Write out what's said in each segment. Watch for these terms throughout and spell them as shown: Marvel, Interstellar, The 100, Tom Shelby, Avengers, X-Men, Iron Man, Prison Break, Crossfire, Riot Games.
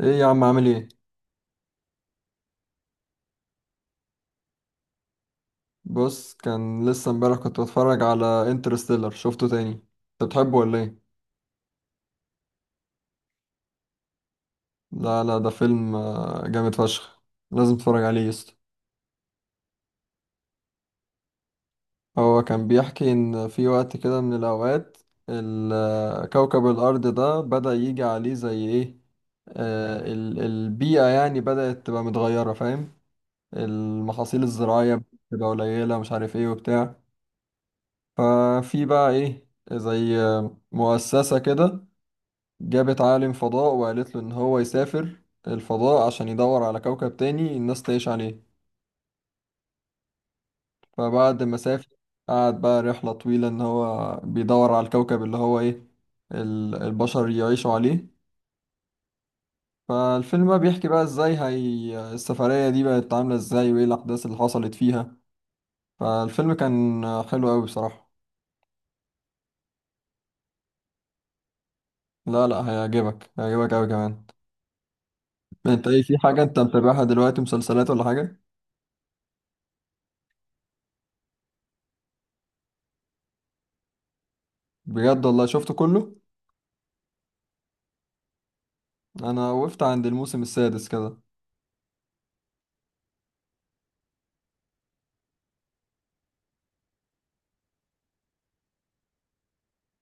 ايه يا عم، عامل ايه؟ بص، كان لسه امبارح كنت بتفرج على انترستيلر، شفته تاني. انت بتحبه ولا ايه؟ لا لا، ده فيلم جامد فشخ. لازم تتفرج عليه يا اسطى. هو كان بيحكي ان في وقت كده من الاوقات كوكب الارض ده بدأ يجي عليه زي ايه. البيئة يعني بدأت تبقى متغيرة، فاهم؟ المحاصيل الزراعية بتبقى قليلة، مش عارف ايه وبتاع. ففي بقى ايه زي مؤسسة كده جابت عالم فضاء وقالت له إن هو يسافر الفضاء عشان يدور على كوكب تاني الناس تعيش عليه. فبعد ما سافر قعد بقى رحلة طويلة إن هو بيدور على الكوكب اللي هو إيه، البشر يعيشوا عليه. فالفيلم بقى بيحكي بقى إزاي هي السفرية دي بقت عاملة إزاي، وإيه الأحداث اللي حصلت فيها. فالفيلم كان حلو أوي بصراحة. لا لا، هيعجبك هيعجبك أوي كمان. أنت إيه، في حاجة أنت متابعها دلوقتي، مسلسلات ولا حاجة؟ بجد والله شفته كله؟ انا وقفت عند الموسم السادس كده.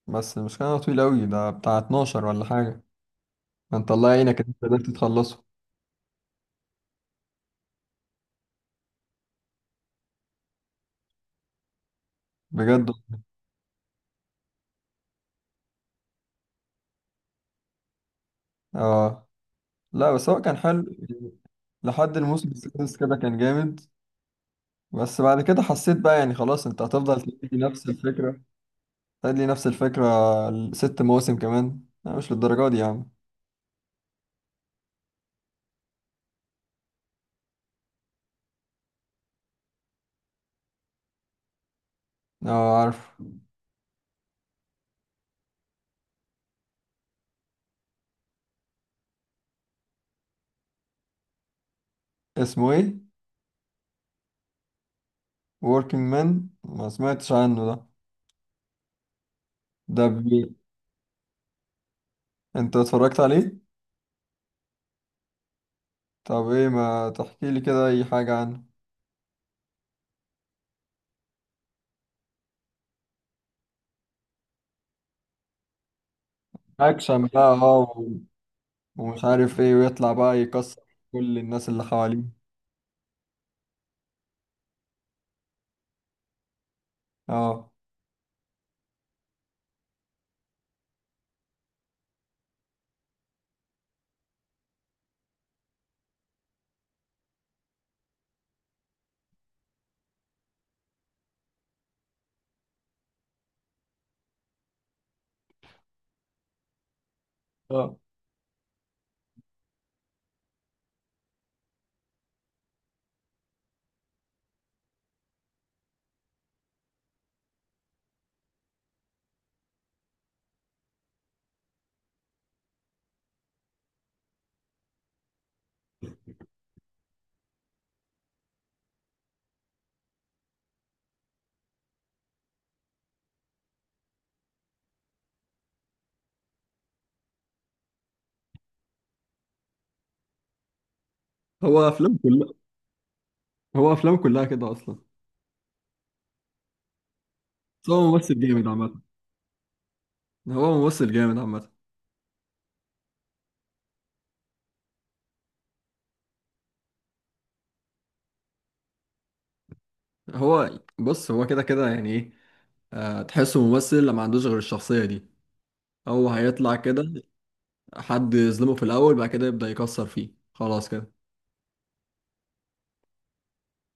بس مش كان طويل قوي، ده بتاع 12 ولا حاجة؟ انت الله يعينك إن انت قدرت تخلصه. بجد. اه. لا بس هو كان حلو يعني، لحد الموسم السادس كده كان جامد. بس بعد كده حسيت بقى يعني خلاص، انت هتفضل تدي نفس الفكرة، تدي نفس الفكرة. 6 مواسم كمان؟ لا مش للدرجة دي يا عم. اه، عارف. اسمه ايه؟ working man. ما سمعتش عنه ده. ده بي. انت اتفرجت عليه؟ طب ايه، ما تحكي لي كده اي حاجة عنه. اكشن بقى، ومش عارف ايه، ويطلع بقى يكسر كل الناس اللي حواليه. اه. اه. هو افلام كلها. هو افلام كلها كده اصلا. بس هو ممثل جامد عامه. هو ممثل جامد عامه. هو بص هو كده كده يعني ايه. تحسه ممثل لما ما عندوش غير الشخصيه دي، هو هيطلع كده. حد يظلمه في الاول، بعد كده يبدا يكسر فيه، خلاص كده.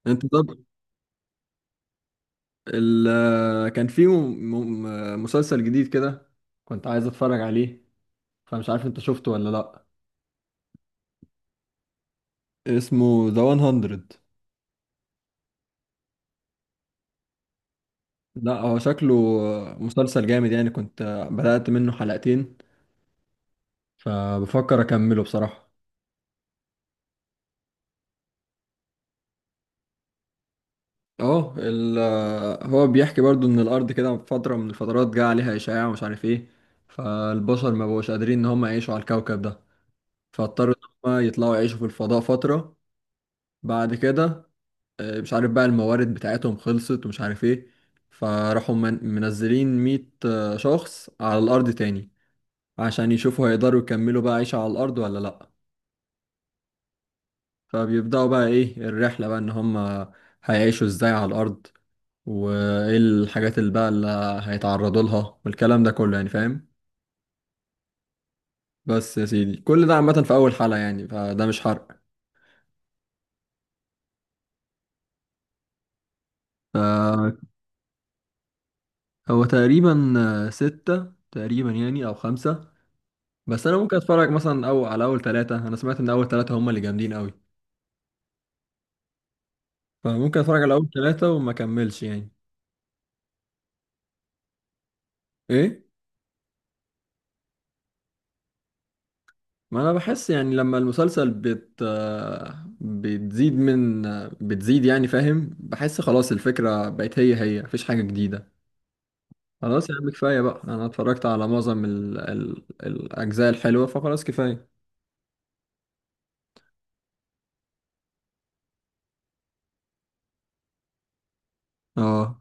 انت طب. ال آه، كان في مسلسل جديد كده، كنت عايز اتفرج عليه، فمش عارف انت شفته ولا لا. اسمه ذا 100. لا هو شكله مسلسل جامد يعني. كنت بدأت منه حلقتين، فبفكر أكمله بصراحة. اه، هو بيحكي برضو ان الارض كده في فترة من الفترات جه عليها اشعاع، ومش عارف ايه. فالبشر ما بقوش قادرين ان هم يعيشوا على الكوكب ده، فاضطروا ان هم يطلعوا يعيشوا في الفضاء فترة. بعد كده مش عارف بقى الموارد بتاعتهم خلصت ومش عارف ايه، فراحوا منزلين 100 شخص على الارض تاني عشان يشوفوا هيقدروا يكملوا بقى عيشة على الأرض ولا لأ. فبيبدأوا بقى إيه الرحلة، بقى إن هما هيعيشوا إزاي على الأرض، وإيه الحاجات اللي بقى اللي هيتعرضوا لها، والكلام ده كله يعني، فاهم؟ بس يا سيدي كل ده عامة في أول حلقة يعني، فده مش حرق. فهو تقريبا ستة تقريبا يعني، أو خمسة. بس أنا ممكن أتفرج مثلا أو على أول ثلاثة، أنا سمعت إن أول ثلاثة هما اللي جامدين أوي، فممكن أتفرج على أول ثلاثة وما أكملش يعني. إيه؟ ما انا بحس يعني لما المسلسل بت بتزيد من بتزيد يعني، فاهم؟ بحس خلاص الفكرة بقت هي هي، مفيش حاجة جديدة. خلاص يا عم كفاية بقى، انا اتفرجت على معظم الاجزاء الحلوة، فخلاص كفاية. اه.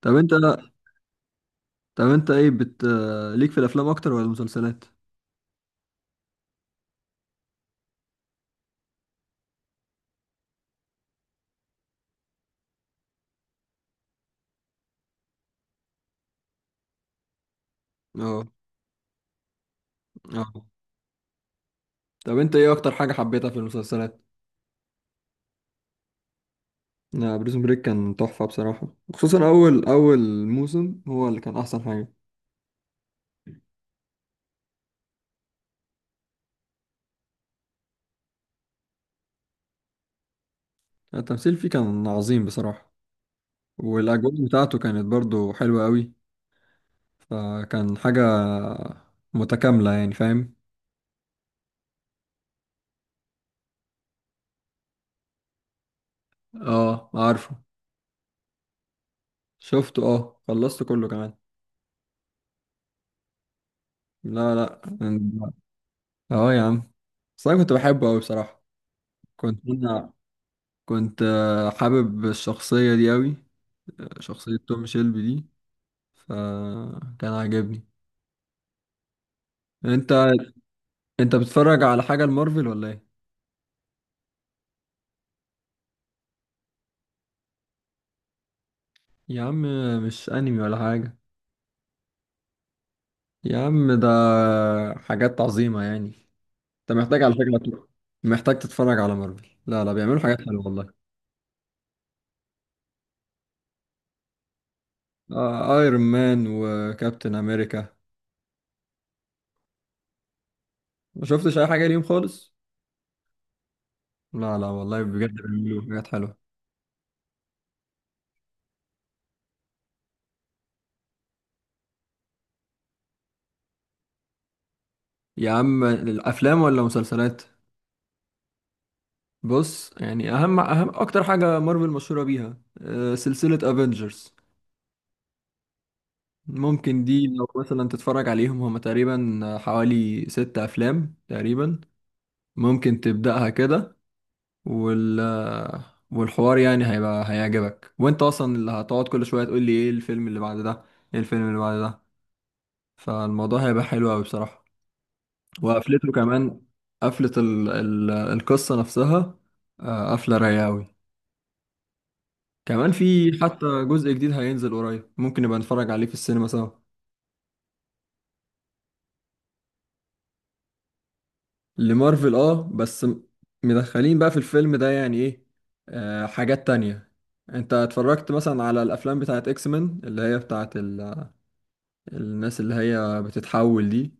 طب انت طب انت ايه بت ليك في الافلام اكتر ولا المسلسلات؟ اه. اه. طب انت ايه اكتر حاجة حبيتها في المسلسلات؟ لا، بريزون بريك كان تحفة بصراحة، خصوصا اول اول موسم هو اللي كان احسن حاجة. التمثيل فيه كان عظيم بصراحة، والاجواء بتاعته كانت برضو حلوة قوي. فكان حاجة متكاملة يعني، فاهم؟ اه، عارفه. شفته، اه خلصت كله كمان. لا لا. اه يا عم، بس انا كنت بحبه قوي بصراحة. كنت انا كنت حابب الشخصية دي قوي، شخصية توم شيلبي دي. فكان عاجبني. انت. انت بتتفرج على حاجة المارفل ولا ايه؟ يا عم، مش انمي ولا حاجة. يا عم، ده حاجات عظيمة يعني، انت محتاج على فكرة تروح، محتاج تتفرج على مارفل. لا لا، بيعملوا حاجات حلوة والله. آه، ايرون مان وكابتن امريكا، ما شفتش اي حاجة ليهم خالص؟ لا لا والله، بجد بيعملوا حاجات حلوة. يا عم، الافلام ولا مسلسلات؟ بص يعني، اهم اهم اكتر حاجة مارفل مشهورة بيها سلسلة افنجرز. ممكن دي لو مثلا تتفرج عليهم، هما تقريبا حوالي 6 افلام تقريبا، ممكن تبدأها كده. وال والحوار يعني هيبقى هيعجبك، وانت اصلا اللي هتقعد كل شويه تقول لي ايه الفيلم اللي بعد ده، ايه الفيلم اللي بعد ده. فالموضوع هيبقى حلو قوي بصراحه. وقفلته كمان، قفله القصه نفسها، قفله رايقه قوي. كمان في حتى جزء جديد هينزل قريب، ممكن نبقى نتفرج عليه في السينما سوا. لمارفل، اه، بس مدخلين بقى في الفيلم ده يعني ايه، حاجات تانية. انت اتفرجت مثلا على الافلام بتاعت اكس مان، اللي هي بتاعت الناس اللي هي بتتحول دي،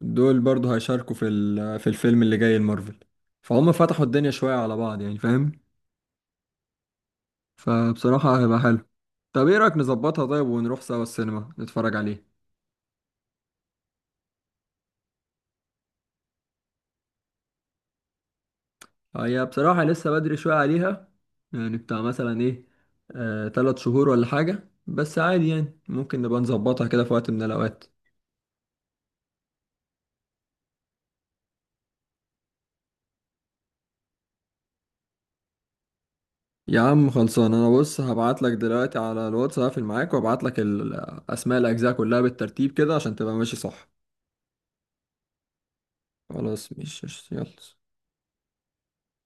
دول برضو هيشاركوا في في الفيلم اللي جاي المارفل، فهم فتحوا الدنيا شوية على بعض يعني، فاهم؟ فبصراحة هيبقى حلو. طب ايه رأيك، نظبطها طيب ونروح سوا السينما نتفرج عليه؟ هي بصراحة لسه بدري شوية عليها، يعني بتاع مثلا ايه، 3 شهور ولا حاجة، بس عادي يعني ممكن نبقى نظبطها كده في وقت من الأوقات. يا عم خلصان، انا بص هبعت لك دلوقتي على الواتس، هقفل معاك وابعت لك اسماء الاجزاء كلها بالترتيب كده عشان تبقى ماشي صح. خلاص مش يلا.